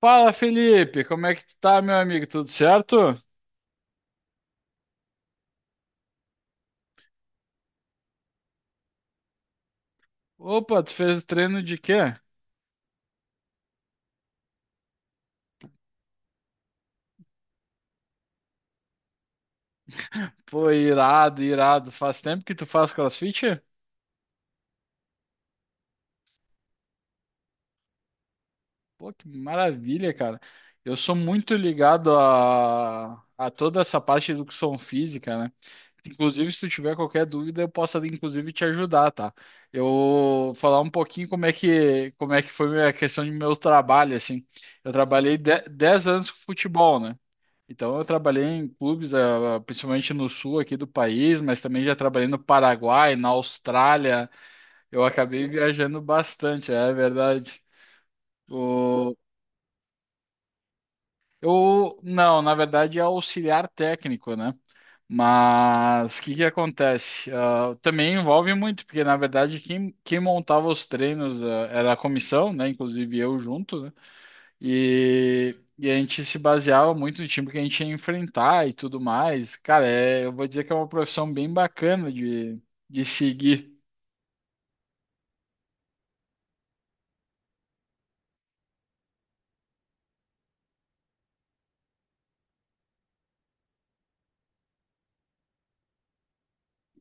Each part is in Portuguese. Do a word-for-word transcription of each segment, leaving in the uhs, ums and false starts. Fala, Felipe, como é que tu tá, meu amigo? Tudo certo? Opa, tu fez treino de quê? Pô, irado, irado. Faz tempo que tu faz CrossFit? Pô, que maravilha, cara. Eu sou muito ligado a, a toda essa parte de educação física, né? Inclusive, se tu tiver qualquer dúvida, eu posso, inclusive, te ajudar, tá? Eu vou falar um pouquinho como é que, como é que foi a questão de meu trabalho, assim. Eu trabalhei de- dez anos com futebol, né? Então, eu trabalhei em clubes, ah, principalmente no sul aqui do país, mas também já trabalhei no Paraguai, na Austrália. Eu acabei viajando bastante, é verdade. O... Eu, não, na verdade é auxiliar técnico, né? Mas o que que acontece? Ah, também envolve muito, porque na verdade quem, quem montava os treinos, ah, era a comissão, né? Inclusive eu junto, né? E, e a gente se baseava muito no time que a gente ia enfrentar e tudo mais. Cara, é, eu vou dizer que é uma profissão bem bacana de, de seguir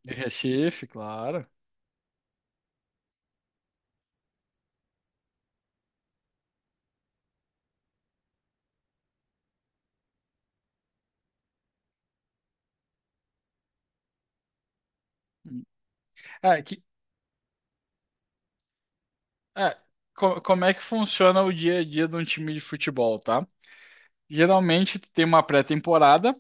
de Recife, claro. É, que, é, co- Como é que funciona o dia a dia de um time de futebol, tá? Geralmente tu tem uma pré-temporada.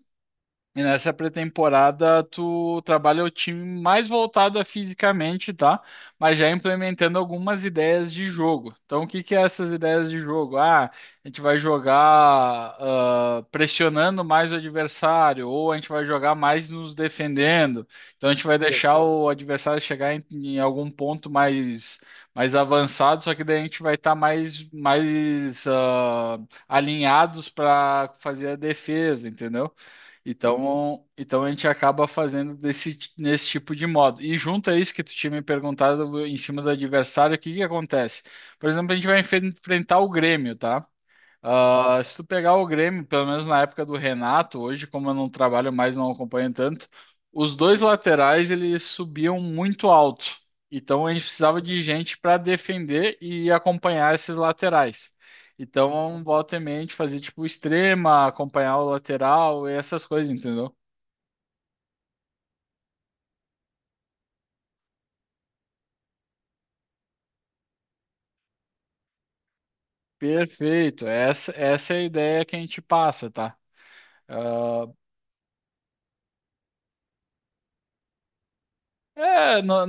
E nessa pré-temporada, tu trabalha o time mais voltado a fisicamente, tá? Mas já implementando algumas ideias de jogo. Então, o que que é essas ideias de jogo? Ah, a gente vai jogar ah, pressionando mais o adversário, ou a gente vai jogar mais nos defendendo. Então, a gente vai deixar o adversário chegar em, em algum ponto mais, mais avançado, só que daí a gente vai estar mais, mais ah, alinhados para fazer a defesa, entendeu? Então, então a gente acaba fazendo desse, ti- nesse tipo de modo. E junto a isso que tu tinha me perguntado em cima do adversário, o que que acontece? Por exemplo, a gente vai enfe- enfrentar o Grêmio, tá? Ah, se tu pegar o Grêmio, pelo menos na época do Renato, hoje, como eu não trabalho mais, não acompanho tanto, os dois laterais eles subiam muito alto. Então a gente precisava de gente para defender e acompanhar esses laterais. Então, volta e meia, a gente fazia tipo extrema, acompanhar o lateral e essas coisas, entendeu? Perfeito, essa, essa é a ideia que a gente passa, tá? Ah, É, não.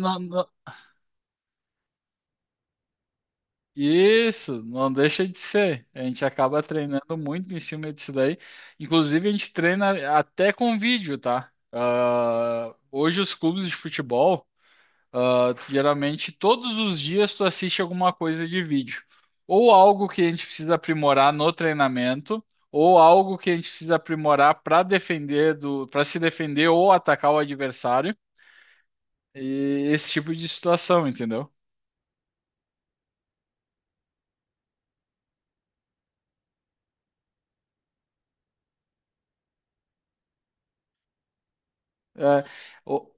Isso, não deixa de ser. A gente acaba treinando muito em cima disso daí. Inclusive, a gente treina até com vídeo, tá? Ah, hoje, os clubes de futebol, ah, geralmente, todos os dias tu assiste alguma coisa de vídeo. Ou algo que a gente precisa aprimorar no treinamento, ou algo que a gente precisa aprimorar para defender do, para se defender ou atacar o adversário. E esse tipo de situação, entendeu? É, o-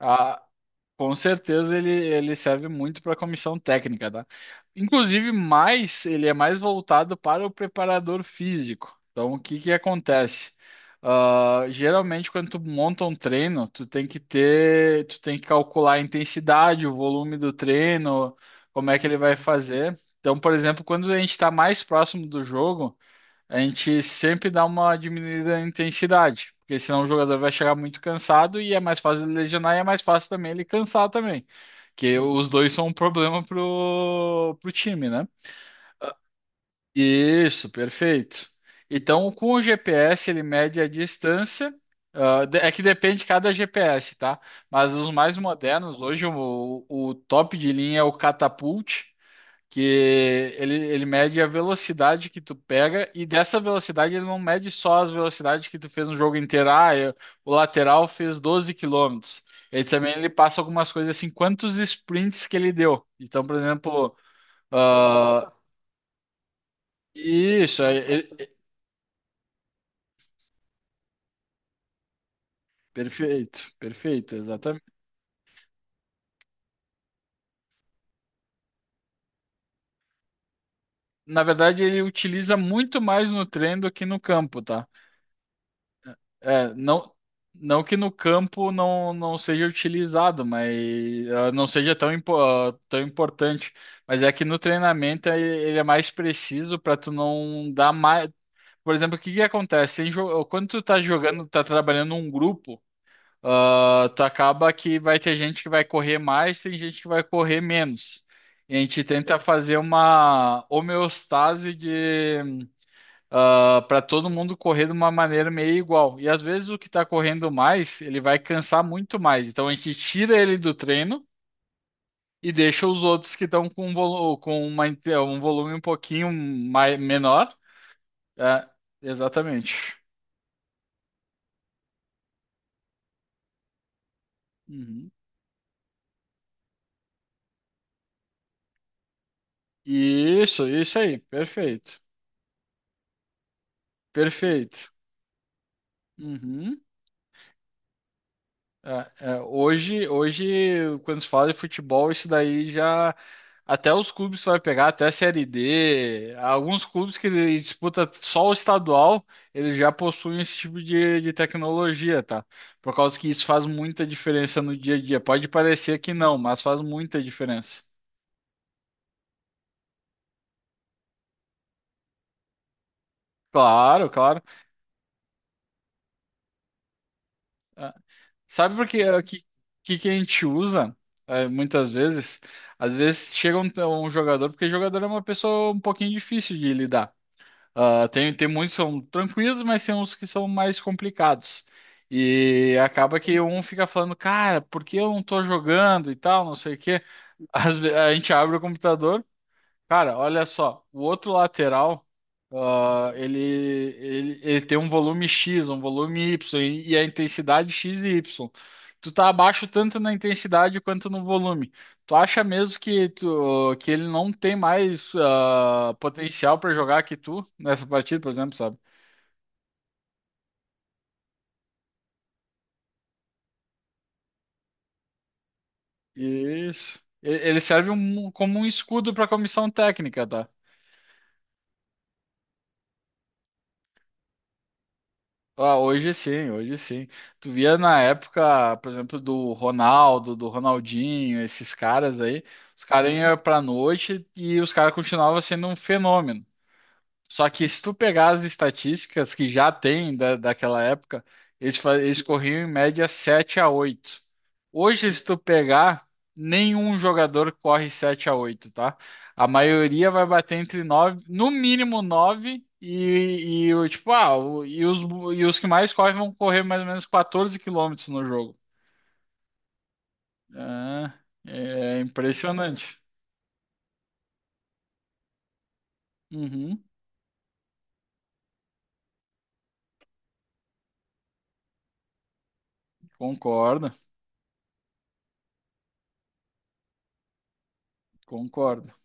a- Com certeza ele, ele serve muito para comissão técnica, tá? Inclusive, mais ele é mais voltado para o preparador físico. Então, o que que acontece? Ah, geralmente, quando tu monta um treino, tu tem que ter, tu tem que calcular a intensidade, o volume do treino, como é que ele vai fazer. Então, por exemplo, quando a gente está mais próximo do jogo, a gente sempre dá uma diminuída na intensidade, porque senão o jogador vai chegar muito cansado e é mais fácil ele lesionar e é mais fácil também ele cansar também, que os dois são um problema pro, pro time, né? Isso, perfeito. Então, com o G P S, ele mede a distância. Ah, de- é que depende de cada G P S, tá? Mas os mais modernos, hoje o, o top de linha é o Catapult, que ele, ele mede a velocidade que tu pega e dessa velocidade ele não mede só as velocidades que tu fez no jogo inteiro. Ah, eu- o lateral fez doze quilômetros. Ele também ele passa algumas coisas assim, quantos sprints que ele deu. Então, por exemplo, ah, isso, é, ele- perfeito, perfeito, exatamente. Na verdade, ele utiliza muito mais no treino do que no campo, tá? É, não, não que no campo não, não seja utilizado, mas ah, não seja tão, impo- ah, tão importante. Mas é que no treinamento eh, ele é mais preciso para tu não dar mais. Por exemplo, o que que acontece? Em jo- Quando tu tá jogando, tá trabalhando um grupo, ah, tu acaba que vai ter gente que vai correr mais, tem gente que vai correr menos. E a gente tenta fazer uma homeostase para todo mundo correr de uma maneira meio igual. E às vezes o que está correndo mais, ele vai cansar muito mais. Então a gente tira ele do treino e deixa os outros que estão com, um volu- com uma inte- um volume um pouquinho mai- menor. É, exatamente. Uhum. Isso, isso aí, perfeito. Perfeito. Uhum. É, é, hoje, hoje, quando se fala de futebol, isso daí já. Até os clubes vai pegar, até a Série D. Alguns clubes que disputam só o estadual, eles já possuem esse tipo de, de tecnologia, tá? Por causa que isso faz muita diferença no dia a dia. Pode parecer que não, mas faz muita diferença. Claro, claro. Ah, Sabe por que, é, que, que que a gente usa, eh, muitas vezes? Às vezes chega um, um jogador, porque jogador é uma pessoa um pouquinho difícil de lidar. Ah, tem, tem muitos que são tranquilos, mas tem uns que são mais complicados. E acaba que um fica falando, cara, por que eu não tô jogando e tal, não sei o quê. Às ve- a gente abre o computador, cara, olha só, o outro lateral, ah, ele, ele, ele tem um volume X, um volume Y e e a intensidade X e Y. Tu tá abaixo tanto na intensidade quanto no volume. Tu acha mesmo que, tu, que ele não tem mais ah, potencial para jogar que tu nessa partida, por exemplo, sabe? Isso. E- Ele serve um- como um escudo para a comissão técnica, tá? Ah, hoje sim, hoje sim. Tu via na época, por exemplo, do Ronaldo, do Ronaldinho, esses caras aí, os caras iam pra noite e os caras continuavam sendo um fenômeno. Só que se tu pegar as estatísticas que já tem da, daquela época, eles, fa- eles corriam em média sete a oito. Hoje, se tu pegar, nenhum jogador corre sete a oito, tá? A maioria vai bater entre nove, no mínimo nove e, e o tipo, ah, o- e os, e os que mais correm vão correr mais ou menos quatorze quilômetros no jogo. É, é impressionante. Uhum, concordo, concordo.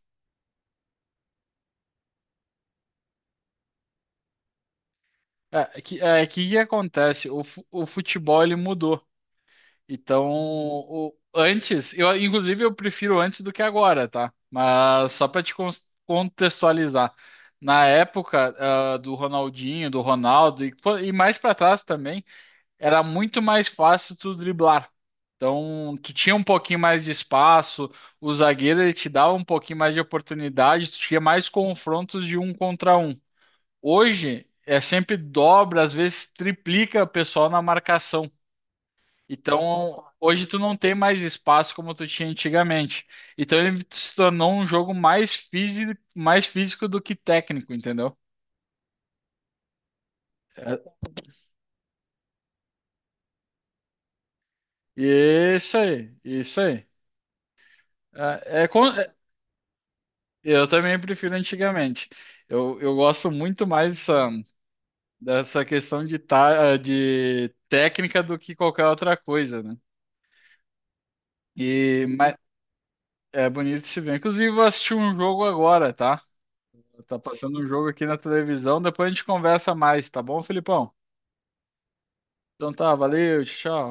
É, é que, é, é que que acontece? O, fu- o futebol ele mudou. Então, o- antes, eu inclusive eu prefiro antes do que agora, tá? Mas só para te cons- contextualizar, na época ah, do Ronaldinho, do Ronaldo e, pô, e mais para trás também, era muito mais fácil tu driblar. Então, tu tinha um pouquinho mais de espaço, o zagueiro ele te dava um pouquinho mais de oportunidade, tu tinha mais confrontos de um contra um. Hoje é sempre dobra, às vezes triplica o pessoal na marcação. Então, hoje tu não tem mais espaço como tu tinha antigamente. Então ele se tornou um jogo mais físico, mais físico do que técnico, entendeu? É- Isso aí, isso aí. É, é con- é- eu também prefiro antigamente. Eu, eu gosto muito mais dessa, dessa questão de, ta, de técnica do que qualquer outra coisa, né? E, É bonito se ver. Inclusive, vou assistir um jogo agora, tá? Tá passando um jogo aqui na televisão, depois a gente conversa mais, tá bom, Felipão? Então tá, valeu, tchau.